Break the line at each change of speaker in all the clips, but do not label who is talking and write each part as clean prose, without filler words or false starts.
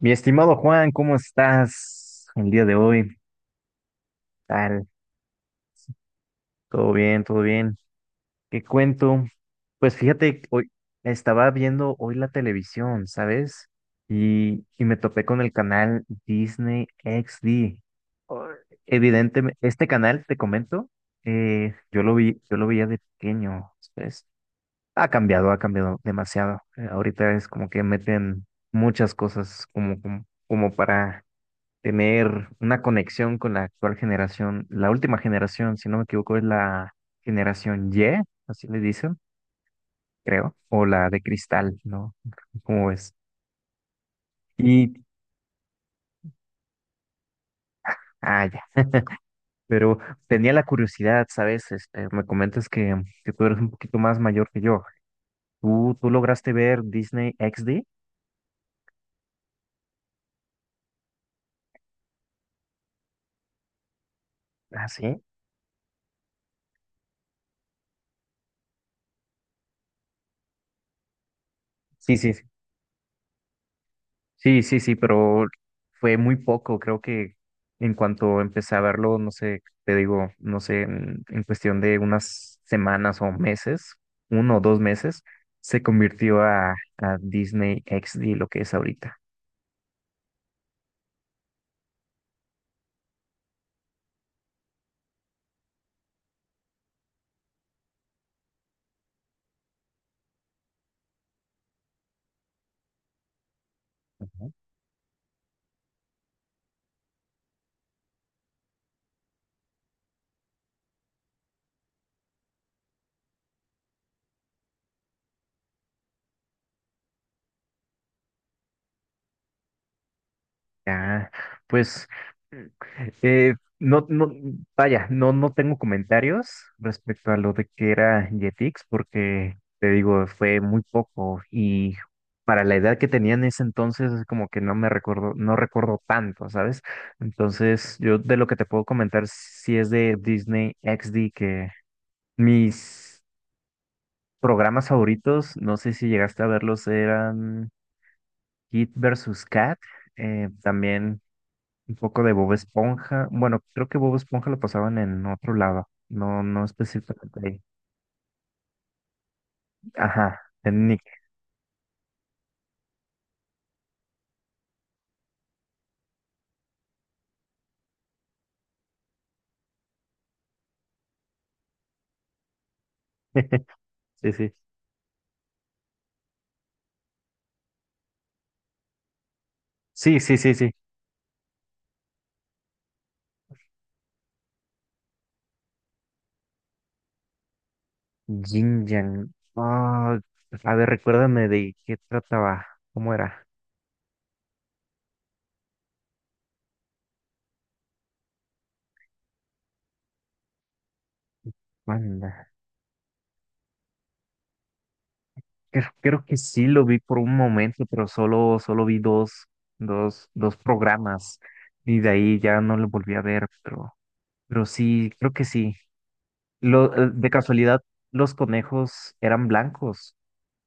Mi estimado Juan, ¿cómo estás el día de hoy? Tal, todo bien, todo bien. ¿Qué cuento? Pues fíjate, hoy estaba viendo hoy la televisión, ¿sabes? Y me topé con el canal Disney XD. Oh, evidentemente, este canal, te comento, yo lo vi, yo lo veía de pequeño, ¿sabes? Ha cambiado demasiado. Ahorita es como que meten muchas cosas como para tener una conexión con la actual generación, la última generación, si no me equivoco, es la generación Y, así le dicen, creo, o la de cristal, ¿no? ¿Cómo es? Y, ah, ya, pero tenía la curiosidad, ¿sabes? Este, me comentas que tú eres un poquito más mayor que yo. ¿Tú lograste ver Disney XD? Ah, sí. Sí, sí, sí. Sí, sí, sí, pero fue muy poco. Creo que en cuanto empecé a verlo, no sé, te digo, no sé, en cuestión de unas semanas o meses, uno o dos meses, se convirtió a Disney XD, lo que es ahorita. Ah, pues mm, eh, no, no, vaya, no, no tengo comentarios respecto a lo de que era Jetix, porque te digo, fue muy poco y para la edad que tenía en ese entonces, es como que no me recuerdo, no recuerdo tanto, ¿sabes? Entonces, yo de lo que te puedo comentar, si es de Disney XD, que mis programas favoritos, no sé si llegaste a verlos, eran Kid versus Kat, también un poco de Bob Esponja. Bueno, creo que Bob Esponja lo pasaban en otro lado, no, no específicamente ahí. Ajá, en Nick. Sí, sí. Sí, sí, sí, sí. Jin Yang. Ah, a ver, recuérdame de qué trataba, cómo era. Anda. Creo que sí lo vi por un momento, pero solo vi dos programas. Y de ahí ya no lo volví a ver, pero sí, creo que sí. Lo, de casualidad, los conejos eran blancos.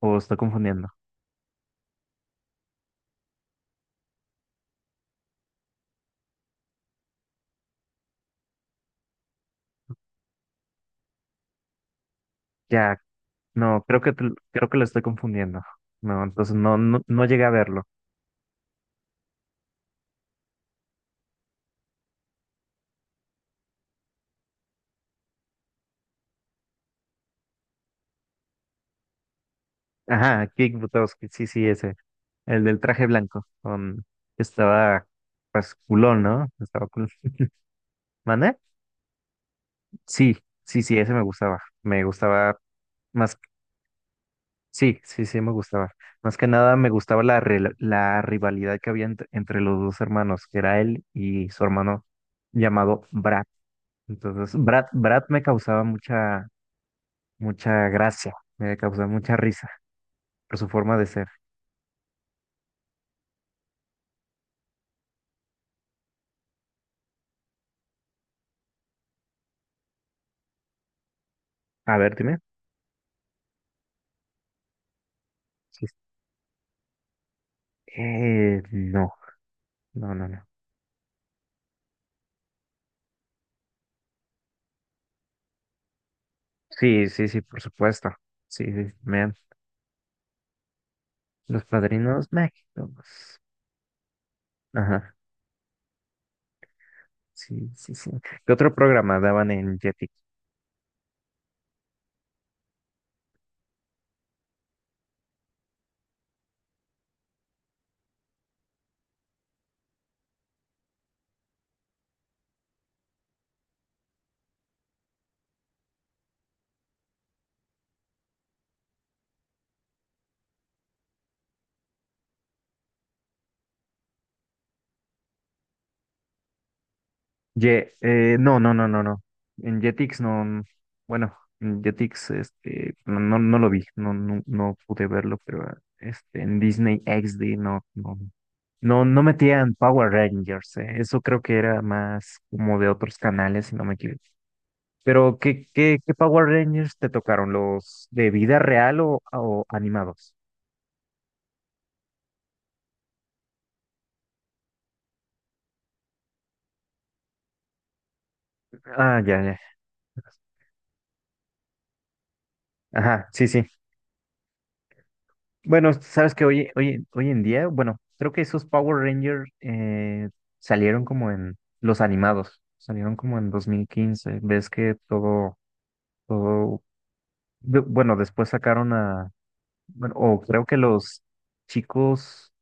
O estoy confundiendo. Ya, no, creo que lo estoy confundiendo. No, entonces no, no, no llegué a verlo. Ajá, Kick Butowski, sí, sí, ese. El del traje blanco. Con que estaba pues culón, ¿no? Estaba cool. ¿Mané? Sí, sí, sí, ese me gustaba. Me gustaba más. Sí, sí, sí, me gustaba. Más que nada me gustaba la rivalidad que había entre los dos hermanos, que era él y su hermano llamado Brad. Entonces, Brad me causaba mucha gracia, me causa mucha risa por su forma de ser. A ver, dime. Sí, sí. No, no, no, no. Sí, sí, sí, por supuesto. Sí, sí, vean, Los Padrinos Mágicos. Ajá, sí, sí, sí. ¿Qué otro programa daban en Jetix? Ye, no, no, no, no, no. En Jetix no, bueno, en Jetix este, no, no, no lo vi, no, no, no pude verlo, pero este, en Disney XD no, no, no, no metían Power Rangers, eso creo que era más como de otros canales, si no me equivoco. Pero, ¿qué Power Rangers te tocaron? ¿Los de vida real o animados? Ah, ya, ya. Ajá, sí, sí. Bueno, sabes que hoy en día, bueno, creo que esos Power Rangers salieron como en los animados, salieron como en 2015. Ves que todo, todo, bueno, después sacaron a, bueno, o creo que los chicos,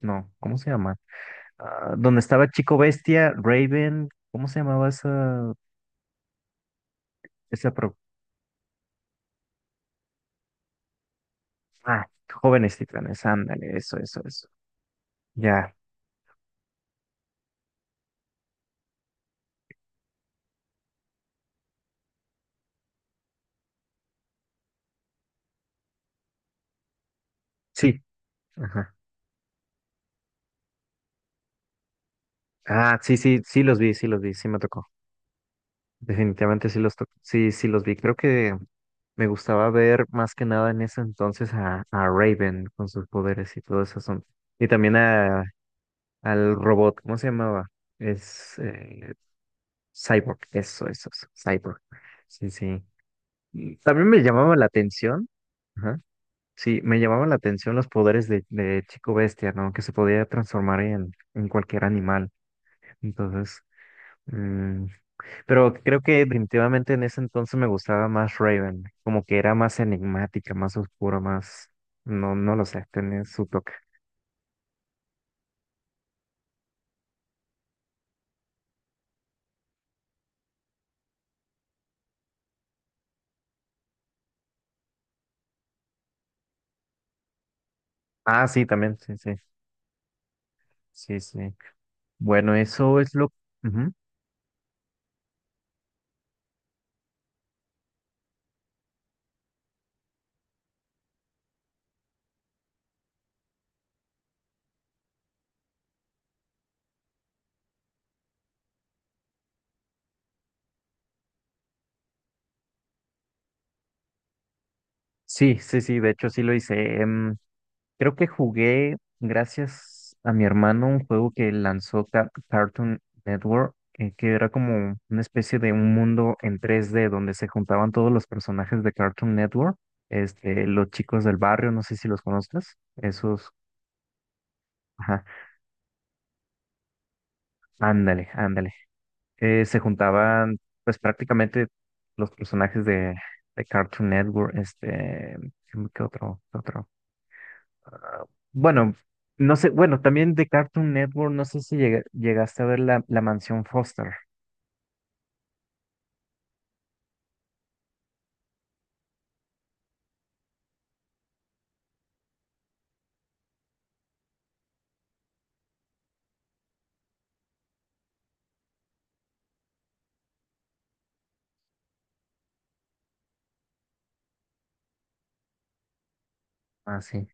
no, ¿cómo se llama? Ah, donde estaba Chico Bestia, Raven, ¿cómo se llamaba esa? Ah, Jóvenes Titanes, ándale, eso, eso, eso. Ya, sí, ajá. Ah, sí, sí, sí los vi, sí los vi, sí me tocó. Definitivamente sí los tocó, sí, sí los vi. Creo que me gustaba ver más que nada en ese entonces a Raven con sus poderes y todo eso. Asunto. Y también al robot, ¿cómo se llamaba? Es Cyborg, eso, Cyborg. Sí, sí. También me llamaba la atención, ajá, sí, me llamaban la atención los poderes de Chico Bestia, ¿no? Que se podía transformar en cualquier animal. Entonces, mm, pero creo que definitivamente en ese entonces me gustaba más Raven, como que era más enigmática, más oscura, más, no, no lo sé, tenía su toque. Ah, sí, también, sí, sí, sí, sí. Bueno, eso es lo... Ujú. Sí, sí, sí, de hecho sí lo hice. em, Creo que jugué, gracias a mi hermano, un juego que lanzó Cartoon Network, que era como una especie de un mundo en 3D donde se juntaban todos los personajes de Cartoon Network, este, los chicos del barrio, no sé si los conozcas, esos, ajá, ándale, ándale. Se juntaban, pues prácticamente los personajes de Cartoon Network, este, ¿qué otro, qué otro? Ah, bueno, no sé, bueno, también de Cartoon Network, no sé si llegaste a ver la Mansión Foster. Ah, sí,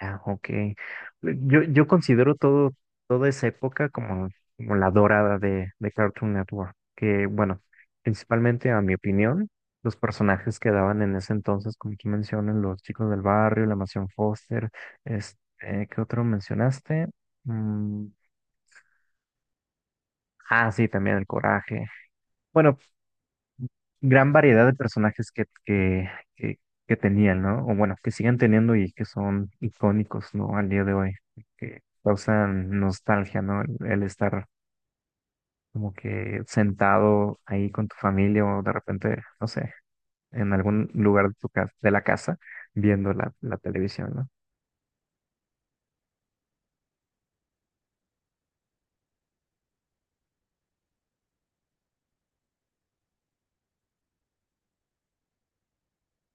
ya, ok. Yo considero todo, toda esa época como la dorada de Cartoon Network, que bueno, principalmente a mi opinión, los personajes que daban en ese entonces, como tú mencionas, los chicos del barrio, la Mansión Foster, este, ¿qué otro mencionaste? Mm, ah, sí, también el Coraje. Bueno, gran variedad de personajes que, que tenían, ¿no? O bueno, que siguen teniendo y que son icónicos, ¿no? Al día de hoy, que causan nostalgia, ¿no? El estar como que sentado ahí con tu familia o de repente, no sé, en algún lugar de tu casa, de la casa, viendo la televisión, ¿no?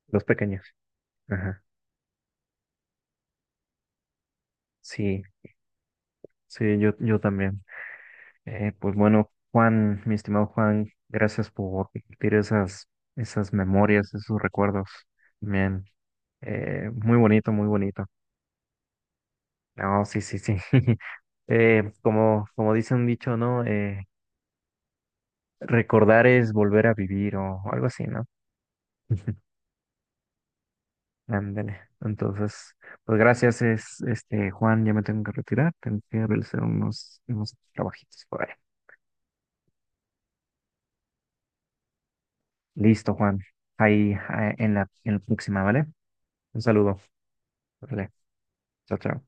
Los pequeños. Ajá. Sí, sí, yo también. Pues bueno, Juan, mi estimado Juan, gracias por compartir esas memorias, esos recuerdos. Bien, muy bonito, muy bonito. No, sí, sí, sí. Como, como dice un dicho, ¿no? Recordar es volver a vivir o algo así, ¿no? Ándale. Entonces, pues gracias, es, este, Juan, ya me tengo que retirar, tengo que realizar unos trabajitos por ahí. Listo, Juan. Ahí, ah, en la próxima, ¿vale? Un saludo. Vale. Chao, chao.